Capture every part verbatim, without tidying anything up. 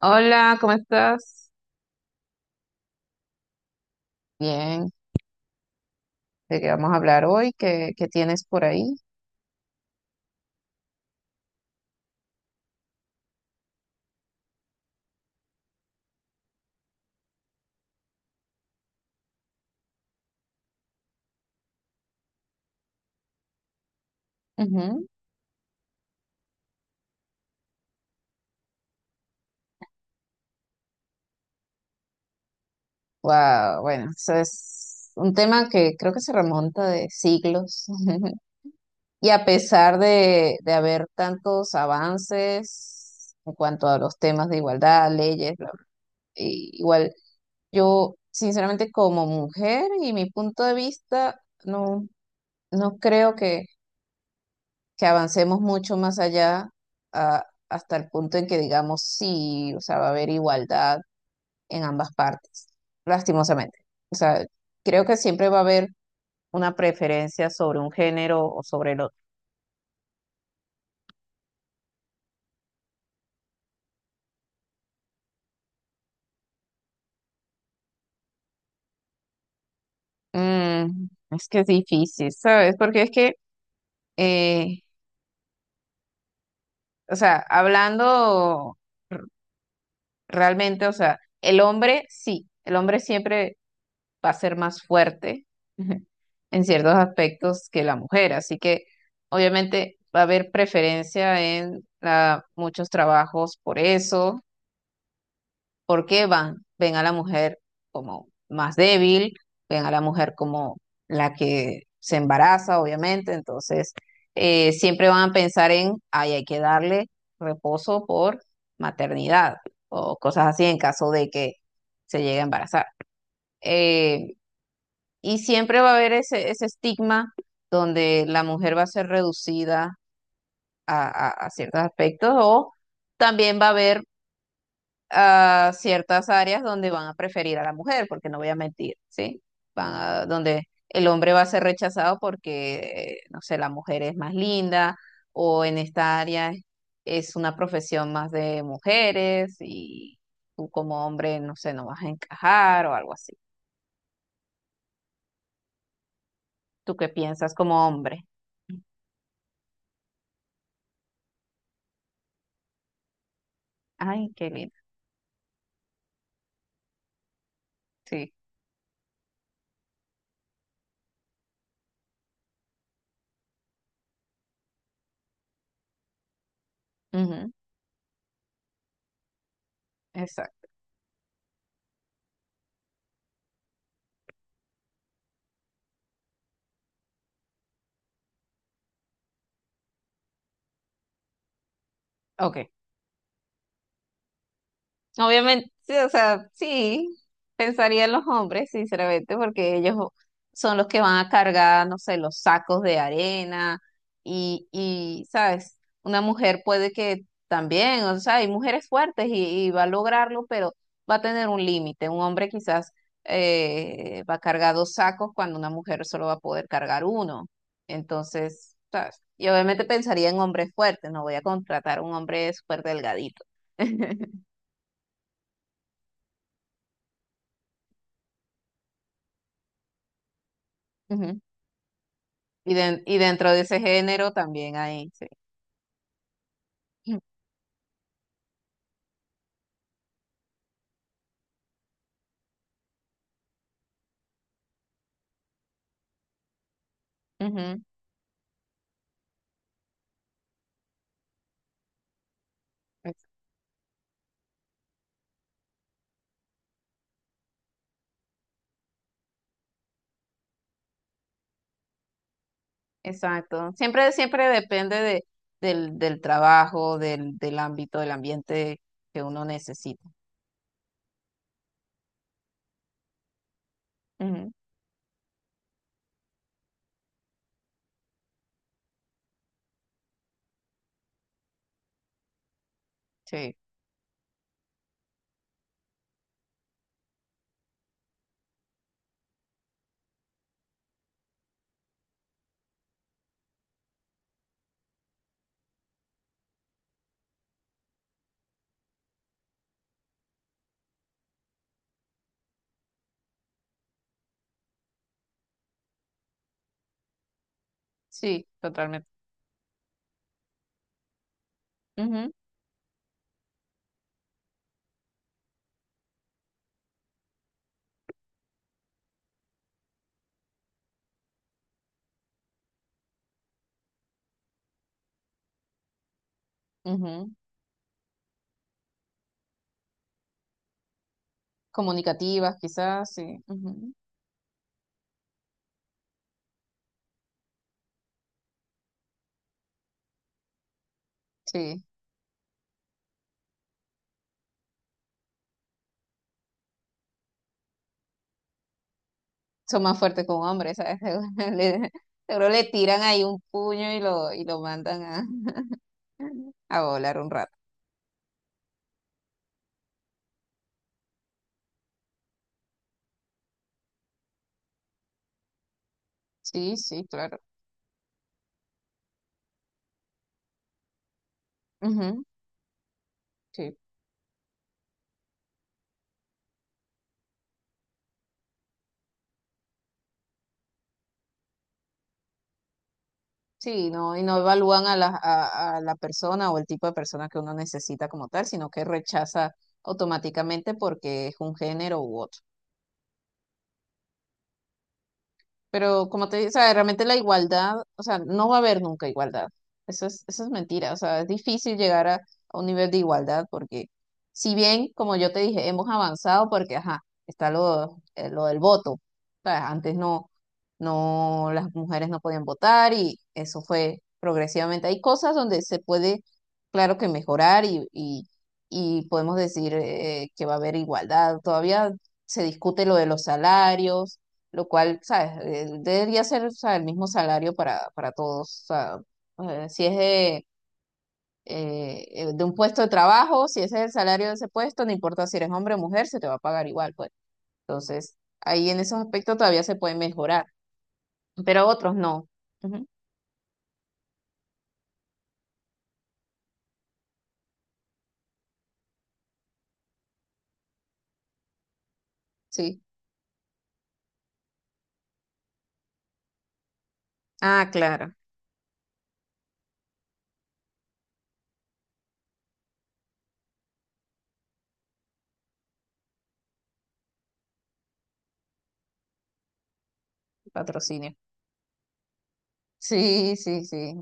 Hola, ¿cómo estás? Bien, ¿de qué vamos a hablar hoy? ¿Qué, qué tienes por ahí? Ujú. Wow, bueno, eso es un tema que creo que se remonta de siglos. Y a pesar de, de haber tantos avances en cuanto a los temas de igualdad, leyes, bla, bla, y igual yo, sinceramente, como mujer y mi punto de vista, no, no creo que que avancemos mucho más allá a- hasta el punto en que digamos sí. O sea, va a haber igualdad en ambas partes, lastimosamente. O sea, creo que siempre va a haber una preferencia sobre un género o sobre el otro. Mm, es que es difícil, ¿sabes? Porque es que, eh, o sea, hablando r- realmente, o sea, el hombre sí, el hombre siempre va a ser más fuerte en ciertos aspectos que la mujer. Así que obviamente va a haber preferencia en la- muchos trabajos por eso, porque van, ven a la mujer como más débil, ven a la mujer como la que se embaraza, obviamente. Entonces, eh, siempre van a pensar en, ay, hay que darle reposo por maternidad o cosas así en caso de que se llegue a embarazar. Eh, y siempre va a haber ese, ese estigma donde la mujer va a ser reducida a, a- a ciertos aspectos, o también va a haber ah, ciertas áreas donde van a preferir a la mujer, porque no voy a mentir, ¿sí? Van a- donde el hombre va a ser rechazado porque, eh, no sé, la mujer es más linda, o en esta área es es una profesión más de mujeres y tú como hombre, no sé, no vas a encajar o algo así. ¿Tú qué piensas como hombre? Ay, qué lindo. Sí. Ujú. Exacto. Ok. Obviamente, sí, o sea, sí, pensaría en los hombres, sinceramente, porque ellos son los que van a cargar, no sé, los sacos de arena y, y, ¿sabes? Una mujer puede que también, o sea, hay mujeres fuertes y, y va a lograrlo, pero va a tener un límite. Un hombre quizás eh, va a cargar dos sacos cuando una mujer solo va a poder cargar uno. Entonces, ¿sabes? Y obviamente pensaría en hombres fuertes, no voy a contratar a un hombre súper delgadito. Ujú. Y, den- y dentro de ese género también hay, sí. Ujú, ex- exacto. Siempre, siempre depende de, del, del trabajo, del, del ámbito, del ambiente que uno necesita. Ujú. Sí, sí, totalmente. Ujú, ujú. Comunicativas, quizás, sí. Ujú. Sí, son más fuertes con hombres, ¿sabes? Seguro le, seguro le tiran ahí un puño y lo, y lo mandan a, a volar un rato. Sí, sí, claro. Ujú. Sí. Sí, no, y no evalúan a la, a, a la persona o el tipo de persona que uno necesita como tal, sino que rechaza automáticamente porque es un género u otro. Pero como te digo, o sea, realmente la igualdad, o sea, no va a haber nunca igualdad. Eso es, eso es mentira. O sea, es difícil llegar a, a un nivel de igualdad porque si bien, como yo te dije, hemos avanzado porque, ajá, está lo, eh, lo del voto. ¿Sabes? Antes no, no, las mujeres no podían votar y eso fue progresivamente. Hay cosas donde se puede, claro que mejorar y, y, y podemos decir eh, que va a haber igualdad. Todavía se discute lo de los salarios, lo cual, ¿sabes? Eh, Debería ser, o sea, el mismo salario para, para todos. O sea, eh, si es de, eh, eh, de un puesto de trabajo, si ese es el salario de ese puesto, no importa si eres hombre o mujer, se te va a pagar igual, pues. Entonces, ahí en esos aspectos todavía se puede mejorar, pero otros no. Ujú. Sí. Ah, claro, patrocinio. Sí, sí, sí.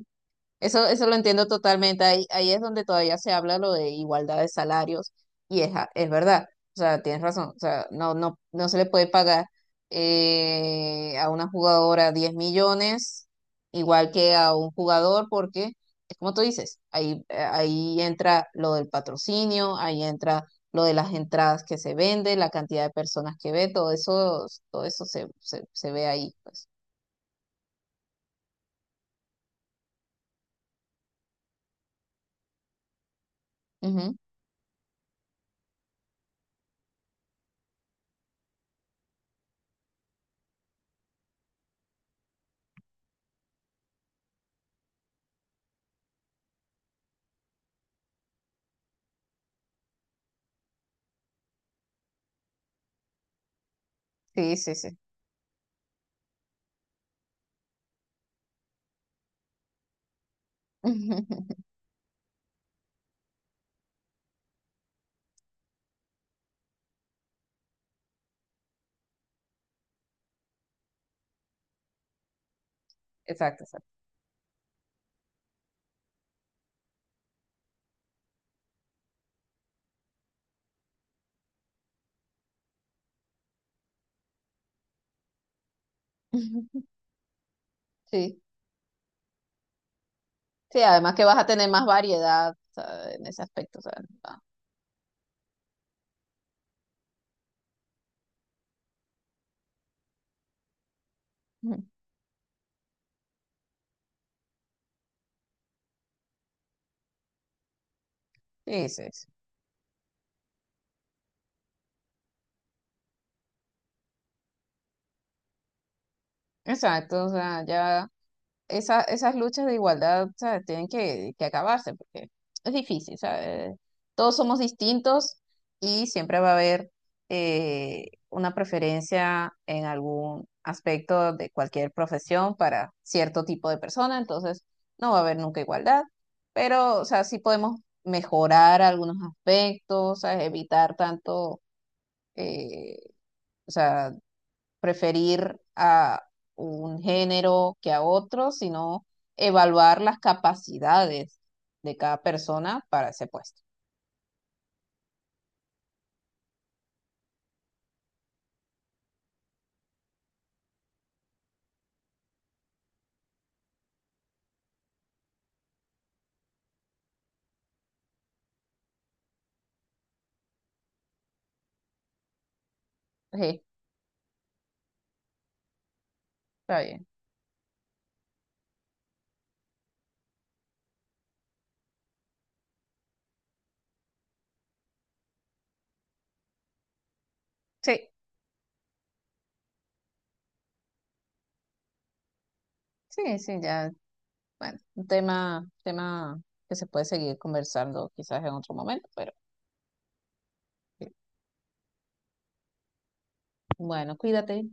Eso, eso lo entiendo totalmente. Ahí, ahí es donde todavía se habla lo de igualdad de salarios y es, a- es verdad. O sea, tienes razón. O sea, no, no, no se le puede pagar eh, a una jugadora diez millones igual que a un jugador porque es como tú dices, ahí, eh, ahí entra lo del patrocinio, ahí entra lo de las entradas que se venden, la cantidad de personas que ve, todo eso, todo eso se, se, se ve ahí, pues. Ujú. Sí, sí, sí. Exacto, exacto. Sí, sí, además que vas a tener más variedad, o sea, en ese aspecto, o sea, ah, ujú. Sí, sí, sí. Exacto, o sea, ya esa- esas luchas de igualdad, ¿sabes? Tienen que, que acabarse porque es difícil, ¿sabes? Todos somos distintos y siempre va a haber eh, una preferencia en algún aspecto de cualquier profesión para cierto tipo de persona. Entonces no va a haber nunca igualdad, pero, o sea, sí podemos mejorar algunos aspectos, ¿sabes? Evitar tanto, eh, o sea, preferir a un género que a otro, sino evaluar las capacidades de cada persona para ese puesto. Sí, está bien. Sí, sí, sí, ya, bueno, un tema, tema que se puede seguir conversando quizás en otro momento, pero sí. Bueno, cuídate.